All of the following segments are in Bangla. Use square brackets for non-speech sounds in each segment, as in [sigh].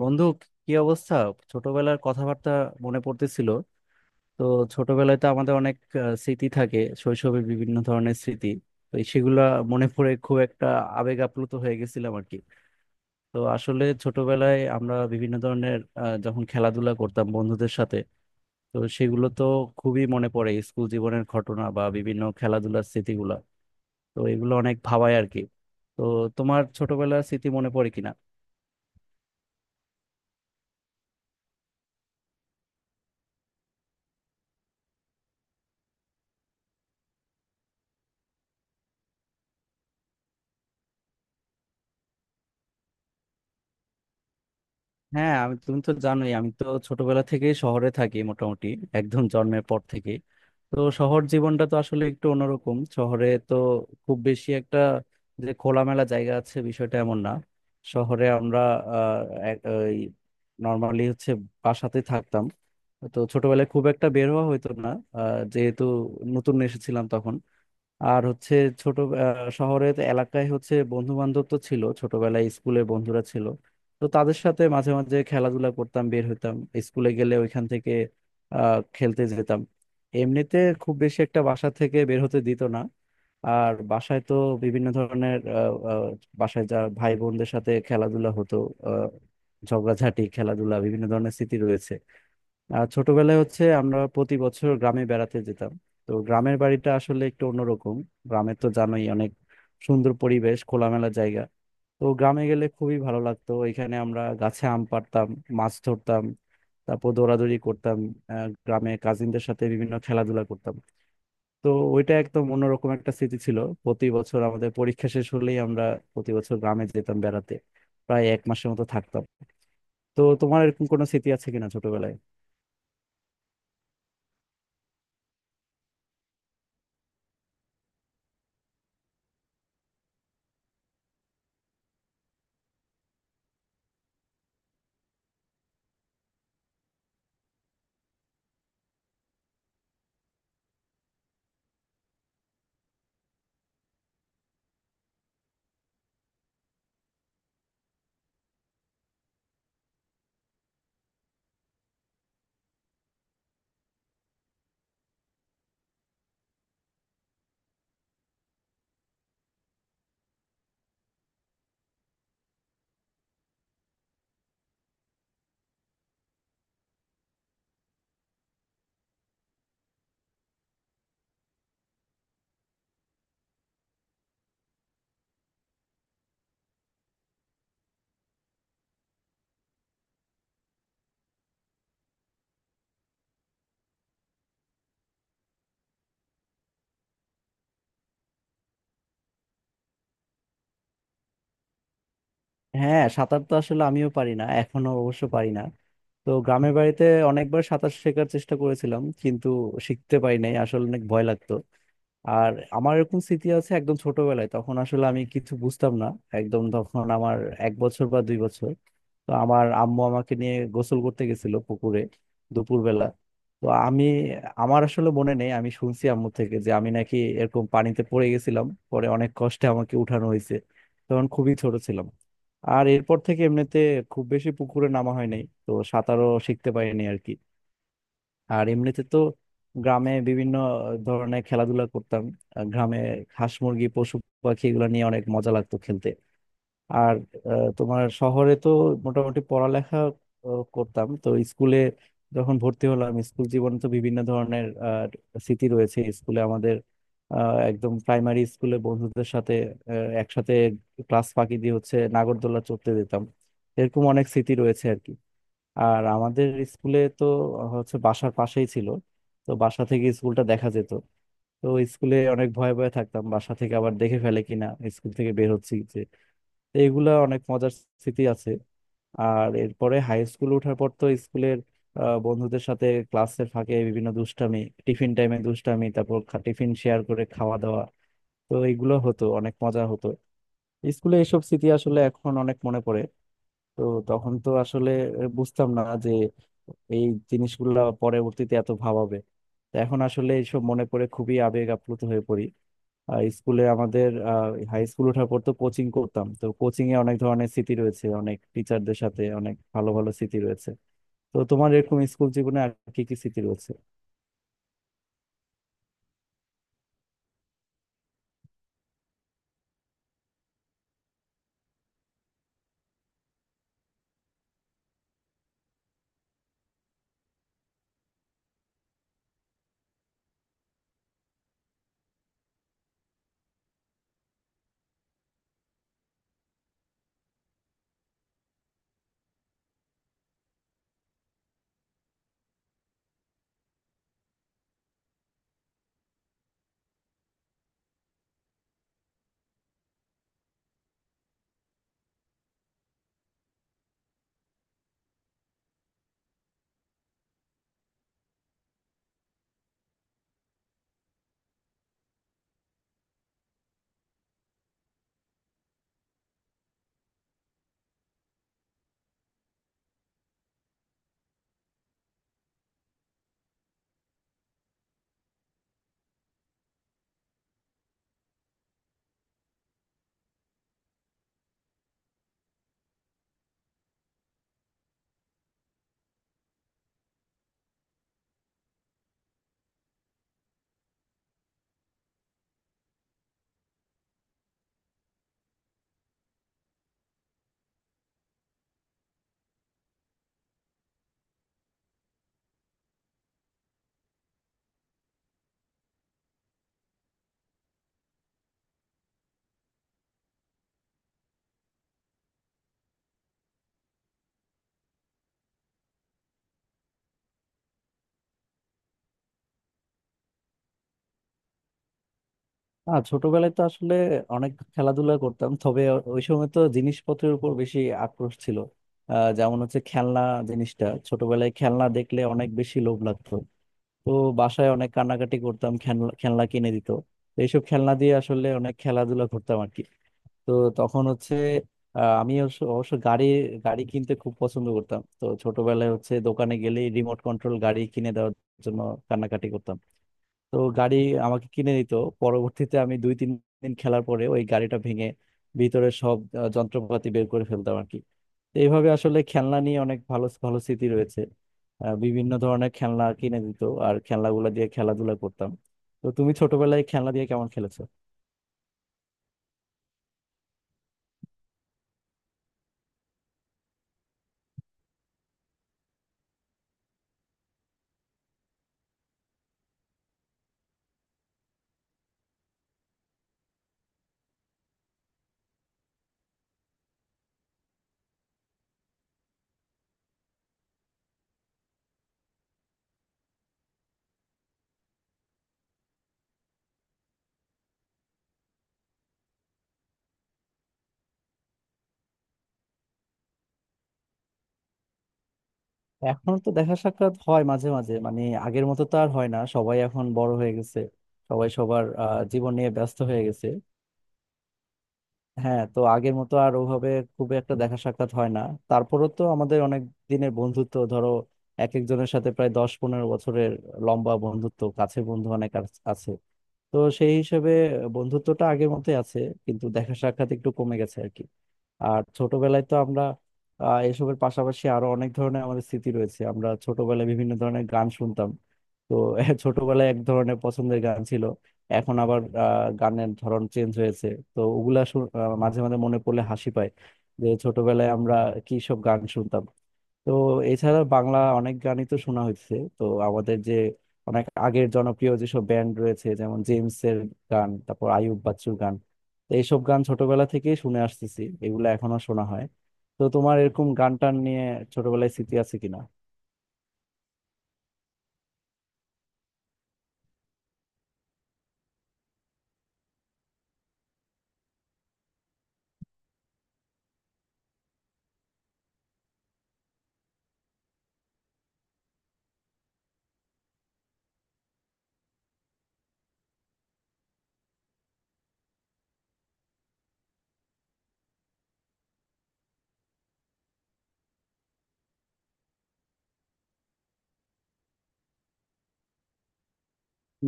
বন্ধু, কি অবস্থা? ছোটবেলার কথাবার্তা মনে পড়তেছিল। তো ছোটবেলায় তো আমাদের অনেক স্মৃতি থাকে, শৈশবের বিভিন্ন ধরনের স্মৃতি। তো এই সেগুলা মনে পড়ে, খুব একটা আবেগ আপ্লুত হয়ে গেছিলাম আর কি। তো আসলে ছোটবেলায় আমরা বিভিন্ন ধরনের যখন খেলাধুলা করতাম বন্ধুদের সাথে, তো সেগুলো তো খুবই মনে পড়ে, স্কুল জীবনের ঘটনা বা বিভিন্ন খেলাধুলার স্মৃতিগুলা। তো এগুলো অনেক ভাবায় আর কি। তো তোমার ছোটবেলার স্মৃতি মনে পড়ে কিনা? হ্যাঁ, আমি, তুমি তো জানোই আমি তো ছোটবেলা থেকে শহরে থাকি মোটামুটি, একদম জন্মের পর থেকে। তো শহর জীবনটা তো আসলে একটু অন্যরকম, শহরে তো খুব বেশি একটা যে খোলামেলা জায়গা আছে বিষয়টা এমন না। শহরে আমরা আহ নর্মালি হচ্ছে বাসাতে থাকতাম। তো ছোটবেলায় খুব একটা বের হওয়া হতো না, যেহেতু নতুন এসেছিলাম তখন। আর হচ্ছে ছোট শহরের এলাকায় হচ্ছে বন্ধু বান্ধব তো ছিল, ছোটবেলায় স্কুলে বন্ধুরা ছিল। তো তাদের সাথে মাঝে মাঝে খেলাধুলা করতাম, বের হইতাম, স্কুলে গেলে ওইখান থেকে খেলতে যেতাম। এমনিতে খুব বেশি একটা বাসা থেকে বের হতে দিত না। আর বাসায় তো বিভিন্ন ধরনের আহ, আহ, বাসায় যা ভাই বোনদের সাথে খেলাধুলা হতো, আহ, ঝগড়াঝাটি, খেলাধুলা, বিভিন্ন ধরনের স্মৃতি রয়েছে। আর ছোটবেলায় হচ্ছে আমরা প্রতি বছর গ্রামে বেড়াতে যেতাম। তো গ্রামের বাড়িটা আসলে একটু অন্যরকম, গ্রামে তো জানোই অনেক সুন্দর পরিবেশ, খোলামেলা জায়গা। তো গ্রামে গেলে খুবই ভালো লাগতো, এখানে আমরা গাছে আম পাড়তাম, মাছ ধরতাম, তারপর দৌড়াদৌড়ি করতাম, গ্রামে কাজিনদের সাথে বিভিন্ন খেলাধুলা করতাম। তো ওইটা একদম অন্যরকম একটা স্মৃতি ছিল। প্রতি বছর আমাদের পরীক্ষা শেষ হলেই আমরা প্রতি বছর গ্রামে যেতাম বেড়াতে, প্রায় 1 মাসের মতো থাকতাম। তো তোমার এরকম কোনো স্মৃতি আছে কিনা ছোটবেলায়? হ্যাঁ, সাঁতার তো আসলে আমিও পারি না, এখনো অবশ্য পারি না। তো গ্রামের বাড়িতে অনেকবার সাঁতার শেখার চেষ্টা করেছিলাম কিন্তু শিখতে পারি নাই, আসলে অনেক ভয় লাগতো। আর আমার এরকম স্মৃতি আছে একদম ছোটবেলায়, তখন আসলে আমি কিছু বুঝতাম না, একদম তখন আমার 1 বছর বা 2 বছর। তো আমার আম্মু আমাকে নিয়ে গোসল করতে গেছিল পুকুরে, দুপুরবেলা। তো আমি, আমার আসলে মনে নেই, আমি শুনছি আম্মু থেকে যে আমি নাকি এরকম পানিতে পড়ে গেছিলাম, পরে অনেক কষ্টে আমাকে উঠানো হয়েছে। তখন খুবই ছোট ছিলাম। আর এরপর থেকে এমনিতে খুব বেশি পুকুরে নামা হয় নাই, তো সাঁতারও শিখতে পারিনি আর কি। আর এমনিতে তো গ্রামে বিভিন্ন ধরনের খেলাধুলা করতাম, গ্রামে হাঁস মুরগি পশু পাখি এগুলো নিয়ে অনেক মজা লাগতো খেলতে। আর তোমার শহরে তো মোটামুটি পড়ালেখা করতাম তো স্কুলে। যখন ভর্তি হলাম স্কুল জীবনে তো বিভিন্ন ধরনের স্মৃতি রয়েছে স্কুলে আমাদের, একদম প্রাইমারি স্কুলে বন্ধুদের সাথে একসাথে ক্লাস ফাঁকি দিয়ে হচ্ছে নাগরদোলা চড়তে যেতাম। এরকম অনেক স্মৃতি রয়েছে আর কি। আর আমাদের স্কুলে তো হচ্ছে বাসার পাশেই ছিল, তো বাসা থেকে স্কুলটা দেখা যেত। তো স্কুলে অনেক ভয়ে ভয়ে থাকতাম বাসা থেকে আবার দেখে ফেলে কিনা স্কুল থেকে বের হচ্ছি যে। তো এগুলা অনেক মজার স্মৃতি আছে। আর এরপরে হাই স্কুল ওঠার পর তো স্কুলের বন্ধুদের সাথে ক্লাসের ফাঁকে বিভিন্ন দুষ্টামি, টিফিন টাইমে দুষ্টামি, তারপর টিফিন শেয়ার করে খাওয়া দাওয়া। তো এগুলো হতো, অনেক মজা হতো। স্কুলে এসব স্মৃতি আসলে এখন অনেক মনে পড়ে। তো তখন তো আসলে বুঝতাম না যে এই জিনিসগুলা পরবর্তীতে এত ভাবাবে। তো এখন আসলে এইসব মনে পড়ে, খুবই আবেগ আপ্লুত হয়ে পড়ি। আর স্কুলে আমাদের হাই স্কুল ওঠার পর তো কোচিং করতাম, তো কোচিং এ অনেক ধরনের স্মৃতি রয়েছে, অনেক টিচারদের সাথে অনেক ভালো ভালো স্মৃতি রয়েছে। তো তোমার এরকম স্কুল জীবনে আর কি কি স্মৃতি রয়েছে? না, ছোটবেলায় তো আসলে অনেক খেলাধুলা করতাম, তবে ওই সময় তো জিনিসপত্রের উপর বেশি আক্রোশ ছিল। যেমন হচ্ছে খেলনা জিনিসটা, ছোটবেলায় খেলনা দেখলে অনেক বেশি লোভ লাগতো। তো বাসায় অনেক কান্নাকাটি করতাম খেলনা, খেলনা কিনে দিত। তো এইসব খেলনা দিয়ে আসলে অনেক খেলাধুলা করতাম আর কি। তো তখন হচ্ছে আমি অবশ্য, গাড়ি গাড়ি কিনতে খুব পছন্দ করতাম। তো ছোটবেলায় হচ্ছে দোকানে গেলেই রিমোট কন্ট্রোল গাড়ি কিনে দেওয়ার জন্য কান্নাকাটি করতাম। তো গাড়ি আমাকে কিনে নিত, পরবর্তীতে আমি 2-3 দিন খেলার পরে ওই গাড়িটা ভেঙে ভিতরে সব যন্ত্রপাতি বের করে ফেলতাম আর কি। তো এইভাবে আসলে খেলনা নিয়ে অনেক ভালো ভালো স্মৃতি রয়েছে। বিভিন্ন ধরনের খেলনা কিনে দিত, আর খেলনাগুলো দিয়ে খেলাধুলা করতাম। তো তুমি ছোটবেলায় খেলনা দিয়ে কেমন খেলেছো? এখন তো দেখা সাক্ষাৎ হয় মাঝে মাঝে, মানে আগের মতো তো আর হয় না, সবাই এখন বড় হয়ে গেছে, সবাই সবার জীবন নিয়ে ব্যস্ত হয়ে গেছে। হ্যাঁ, তো আগের মতো আর ওভাবে খুব একটা দেখা সাক্ষাৎ হয় না। তারপরও তো আমাদের অনেক দিনের বন্ধুত্ব, ধরো এক একজনের সাথে প্রায় 10-15 বছরের লম্বা বন্ধুত্ব, কাছে বন্ধু অনেক আছে। তো সেই হিসেবে বন্ধুত্বটা আগের মতোই আছে, কিন্তু দেখা সাক্ষাৎ একটু কমে গেছে আর কি। আর ছোটবেলায় তো আমরা এসবের পাশাপাশি আরো অনেক ধরনের আমাদের স্মৃতি রয়েছে, আমরা ছোটবেলায় বিভিন্ন ধরনের গান শুনতাম। তো [laughs] ছোটবেলায় এক ধরনের পছন্দের গান ছিল, এখন আবার গানের ধরন চেঞ্জ হয়েছে। তো ওগুলা মাঝে মাঝে মনে পড়লে হাসি পায় যে ছোটবেলায় আমরা কি সব গান শুনতাম। তো এছাড়া বাংলা অনেক গানই তো শোনা হয়েছে। তো আমাদের যে অনেক আগের জনপ্রিয় যেসব ব্যান্ড রয়েছে, যেমন জেমস এর গান, তারপর আইয়ুব বাচ্চুর গান, তো এইসব গান ছোটবেলা থেকেই শুনে আসতেছি, এগুলো এখনো শোনা হয়। তো তোমার এরকম গান টান নিয়ে ছোটবেলায় স্মৃতি আছে কিনা?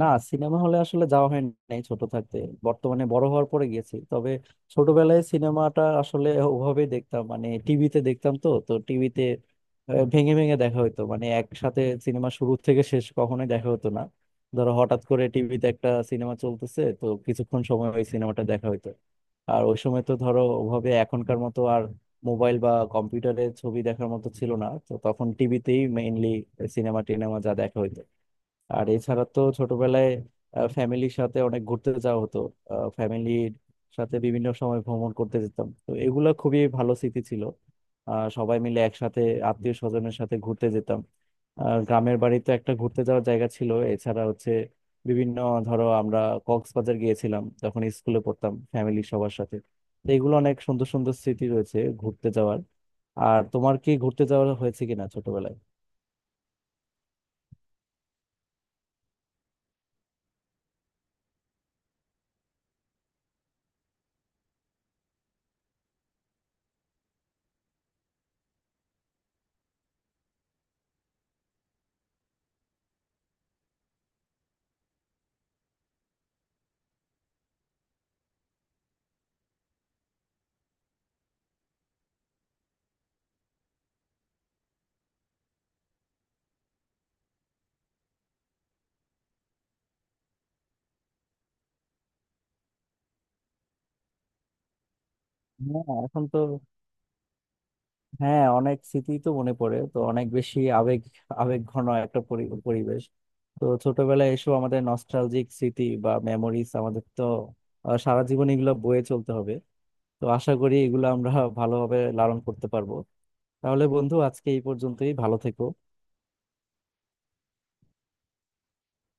না, সিনেমা হলে আসলে যাওয়া হয় নাই ছোট থাকতে, বর্তমানে বড় হওয়ার পরে গেছি। তবে ছোটবেলায় সিনেমাটা আসলে ওভাবে দেখতাম, মানে টিভিতে দেখতাম। তো তো টিভিতে ভেঙে ভেঙে দেখা হতো, মানে একসাথে সিনেমা শুরু থেকে শেষ কখনোই দেখা হতো না। ধরো হঠাৎ করে টিভিতে একটা সিনেমা চলতেছে, তো কিছুক্ষণ সময় ওই সিনেমাটা দেখা হতো। আর ওই সময় তো ধরো ওভাবে এখনকার মতো আর মোবাইল বা কম্পিউটারে ছবি দেখার মতো ছিল না, তো তখন টিভিতেই মেইনলি সিনেমা টিনেমা যা দেখা হতো। আর এছাড়া তো ছোটবেলায় ফ্যামিলির সাথে অনেক ঘুরতে যাওয়া হতো, ফ্যামিলির সাথে বিভিন্ন সময় ভ্রমণ করতে যেতাম। তো এগুলো খুবই ভালো স্মৃতি ছিল, সবাই মিলে একসাথে আত্মীয় স্বজনের সাথে ঘুরতে যেতাম। আর গ্রামের বাড়িতে একটা ঘুরতে যাওয়ার জায়গা ছিল, এছাড়া হচ্ছে বিভিন্ন, ধরো আমরা কক্সবাজার গিয়েছিলাম যখন স্কুলে পড়তাম ফ্যামিলির সবার সাথে। তো এগুলো অনেক সুন্দর সুন্দর স্মৃতি রয়েছে ঘুরতে যাওয়ার। আর তোমার কি ঘুরতে যাওয়া হয়েছে কিনা ছোটবেলায়? হ্যাঁ, এখন তো, হ্যাঁ, অনেক স্মৃতি তো মনে পড়ে, তো অনেক বেশি আবেগ, আবেগ ঘন একটা পরিবেশ। তো ছোটবেলায় এসব আমাদের নস্টালজিক স্মৃতি বা মেমোরিজ আমাদের তো সারা জীবন এগুলো বয়ে চলতে হবে। তো আশা করি এগুলো আমরা ভালোভাবে লালন করতে পারবো। তাহলে বন্ধু আজকে এই পর্যন্তই, ভালো থেকো।